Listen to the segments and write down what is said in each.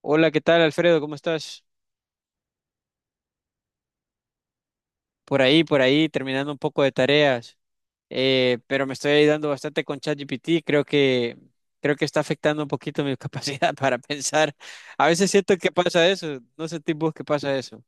Hola, ¿qué tal, Alfredo? ¿Cómo estás? Por ahí, terminando un poco de tareas, pero me estoy ayudando bastante con ChatGPT. Creo que está afectando un poquito mi capacidad para pensar. A veces siento que pasa eso, no sentís vos que pasa eso.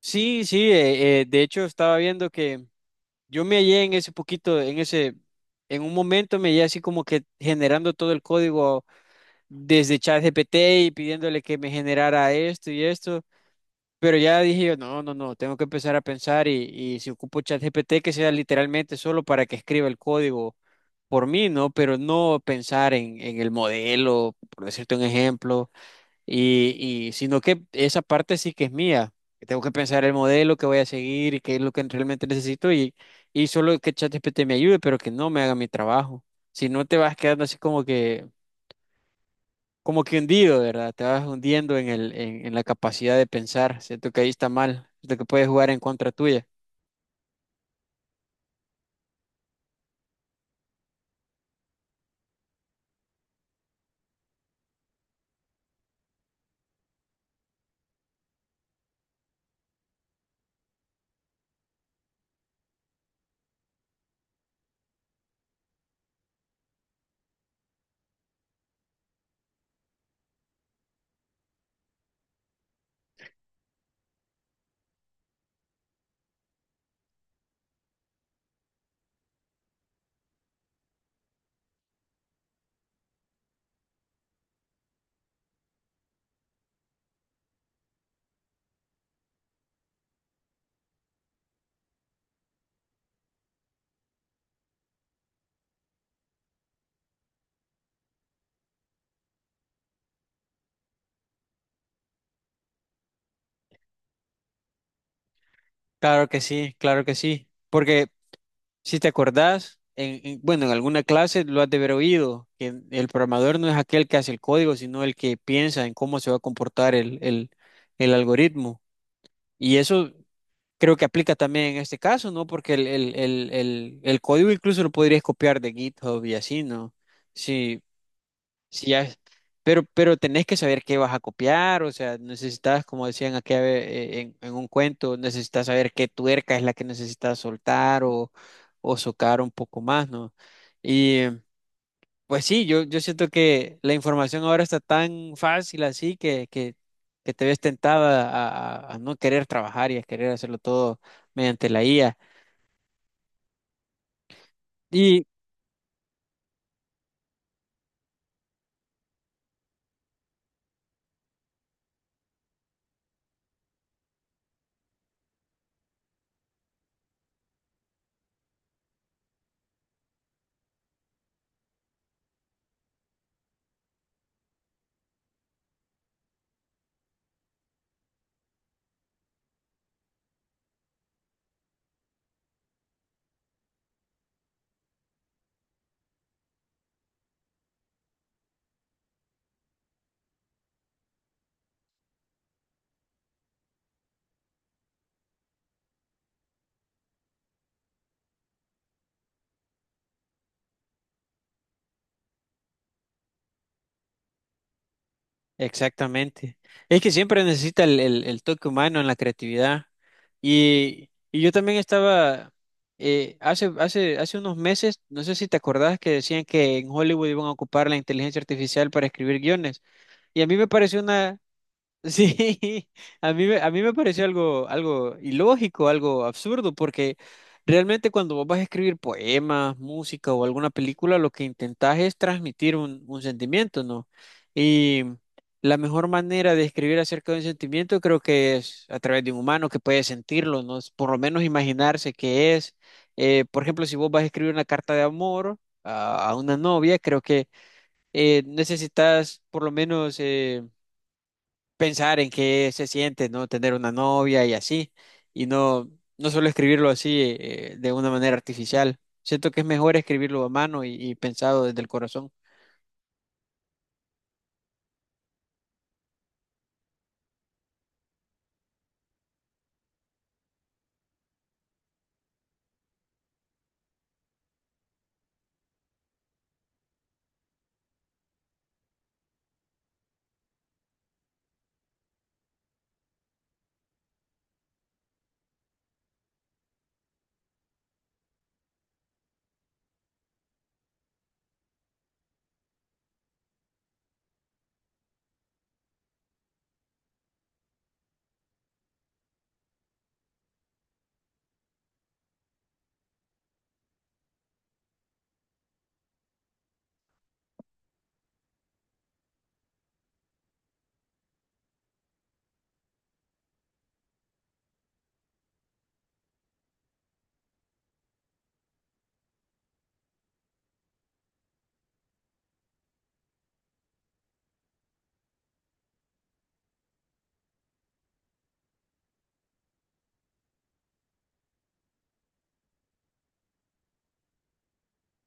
Sí, sí, de hecho estaba viendo que yo me hallé en ese en un momento me hallé así como que generando todo el código desde ChatGPT y pidiéndole que me generara esto y esto. Pero ya dije yo, no, no, no, tengo que empezar a pensar y si ocupo ChatGPT que sea literalmente solo para que escriba el código por mí, ¿no? Pero no pensar en el modelo, por decirte un ejemplo, y, y sino que esa parte sí que es mía, que tengo que pensar el modelo que voy a seguir y qué es lo que realmente necesito y solo que ChatGPT me ayude, pero que no me haga mi trabajo. Si no te vas quedando así como que hundido, ¿verdad? Te vas hundiendo en la capacidad de pensar. Siento que ahí está mal, siento que puede jugar en contra tuya. Claro que sí, claro que sí. Porque si te acordás, bueno, en alguna clase lo has de haber oído, que el programador no es aquel que hace el código, sino el que piensa en cómo se va a comportar el algoritmo. Y eso creo que aplica también en este caso, ¿no? Porque el código incluso lo podrías copiar de GitHub y así, ¿no? Sí, sí, ya, pero tenés que saber qué vas a copiar, o sea, necesitas, como decían aquí en un cuento, necesitas saber qué tuerca es la que necesitas soltar o socar un poco más, ¿no? Y pues sí, yo siento que la información ahora está tan fácil así que te ves tentada a, a no querer trabajar y a querer hacerlo todo mediante la IA. Exactamente. Es que siempre necesita el toque humano en la creatividad. Y yo también estaba, eh, hace unos meses, no sé si te acordás que decían que en Hollywood iban a ocupar la inteligencia artificial para escribir guiones. Y a mí me pareció sí, a mí, a mí me pareció algo, algo ilógico, algo absurdo, porque realmente cuando vos vas a escribir poemas, música o alguna película, lo que intentás es transmitir un sentimiento, ¿no? Y la mejor manera de escribir acerca de un sentimiento creo que es a través de un humano que puede sentirlo, ¿no? Por lo menos imaginarse qué es. Por ejemplo, si vos vas a escribir una carta de amor a una novia, creo que necesitas por lo menos pensar en qué se siente, ¿no? Tener una novia y así, y no, no solo escribirlo así de una manera artificial. Siento que es mejor escribirlo a mano y pensado desde el corazón.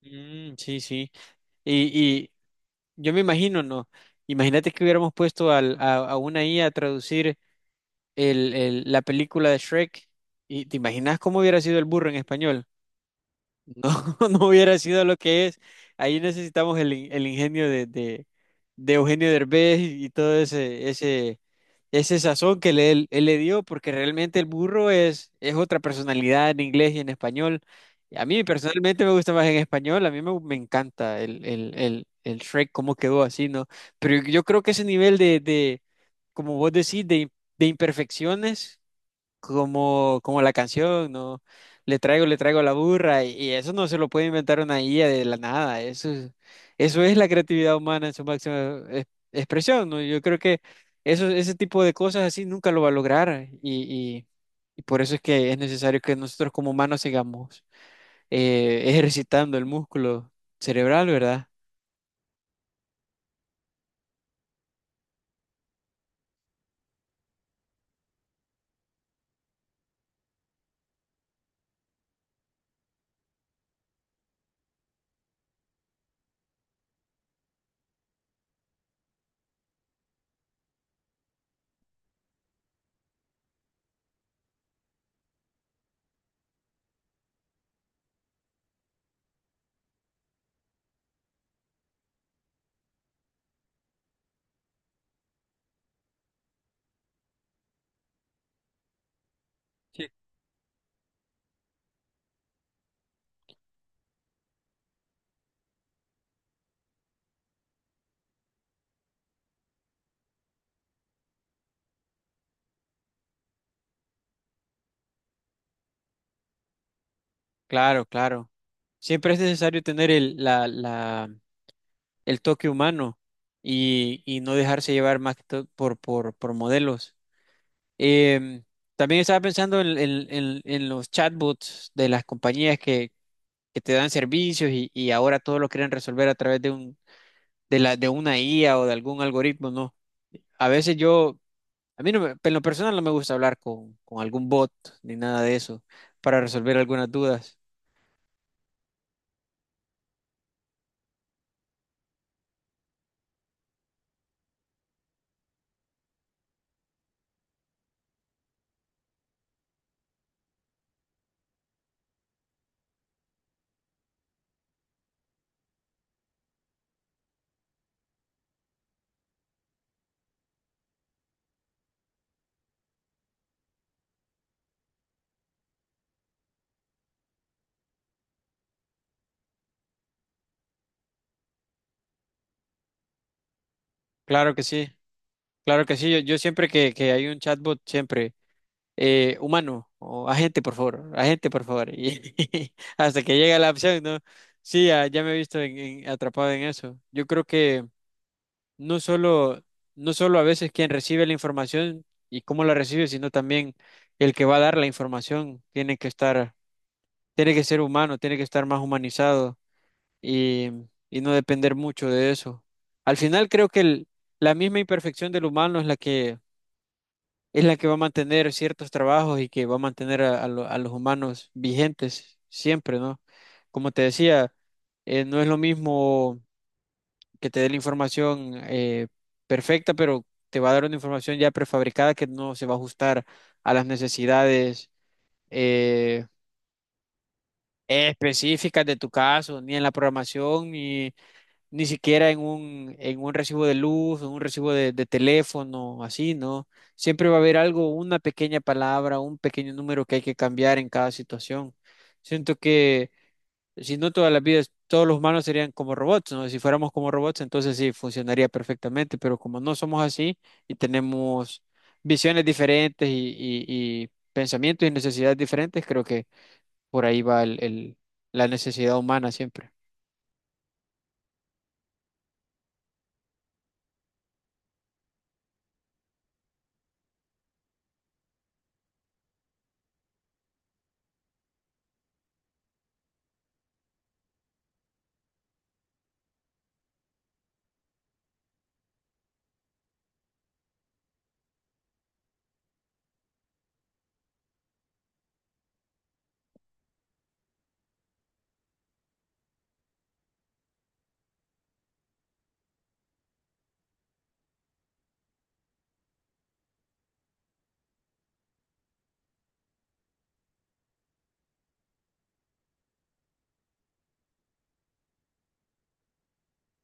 Mm, sí, sí. Y, y yo me imagino, ¿no? Imagínate que hubiéramos puesto a una IA a traducir la película de Shrek y te imaginas cómo hubiera sido el burro en español. No, no hubiera sido lo que es. Ahí necesitamos el ingenio de Eugenio Derbez y todo ese sazón que él, él le dio, porque realmente el burro es otra personalidad en inglés y en español. Y a mí personalmente me gusta más en español, a mí me encanta el Shrek, cómo quedó así, ¿no? Pero yo creo que ese nivel de como vos decís, de imperfecciones como, como la canción, ¿no? Le traigo la burra, y eso no se lo puede inventar una IA de la nada, eso, eso es la creatividad humana en su máxima expresión, ¿no? Yo creo que eso, ese tipo de cosas así nunca lo va a lograr, y- y por eso es que es necesario que nosotros como humanos sigamos ejercitando el músculo cerebral, ¿verdad? Sí. Claro, claro. Siempre es necesario tener la el toque humano y no dejarse llevar más que todo por modelos. Em, También estaba pensando en, en los chatbots de las compañías que te dan servicios y ahora todo lo quieren resolver a través de un, de la, de una IA o de algún algoritmo, ¿no? A veces yo, a mí no en lo personal no me gusta hablar con algún bot ni nada de eso para resolver algunas dudas. Claro que sí, claro que sí. Yo siempre que hay un chatbot, siempre humano o agente, por favor, agente, por favor. Y hasta que llega la opción, ¿no? Sí, ya, ya me he visto atrapado en eso. Yo creo que no solo, no solo a veces quien recibe la información y cómo la recibe, sino también el que va a dar la información tiene que estar, tiene que ser humano, tiene que estar más humanizado y, y no depender mucho de eso. Al final creo que la misma imperfección del humano es la que va a mantener ciertos trabajos y que va a mantener a, a los humanos vigentes siempre, ¿no? Como te decía, no es lo mismo que te dé la información perfecta, pero te va a dar una información ya prefabricada que no se va a ajustar a las necesidades eh, específicas de tu caso, ni en la programación, ni siquiera en un recibo de luz, en un recibo de teléfono, así, ¿no? Siempre va a haber algo, una pequeña palabra, un pequeño número que hay que cambiar en cada situación. Siento que si no todas las vidas, todos los humanos serían como robots, ¿no? Si fuéramos como robots, entonces sí, funcionaría perfectamente, pero como no somos así y tenemos visiones diferentes y- y pensamientos y necesidades diferentes, creo que por ahí va la necesidad humana siempre.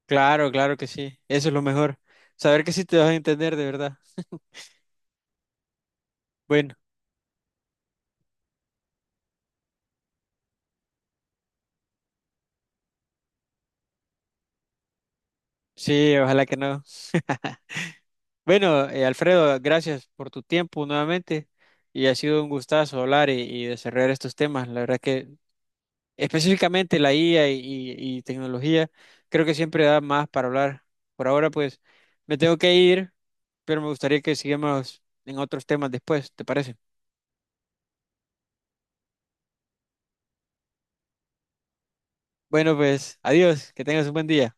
Claro, claro que sí. Eso es lo mejor. Saber que sí te vas a entender de verdad. Bueno, sí, ojalá que no. Bueno, Alfredo, gracias por tu tiempo nuevamente y ha sido un gustazo hablar y desarrollar estos temas. La verdad que específicamente la IA y tecnología creo que siempre da más para hablar. Por ahora pues me tengo que ir, pero me gustaría que sigamos en otros temas después, ¿te parece? Bueno, pues adiós, que tengas un buen día.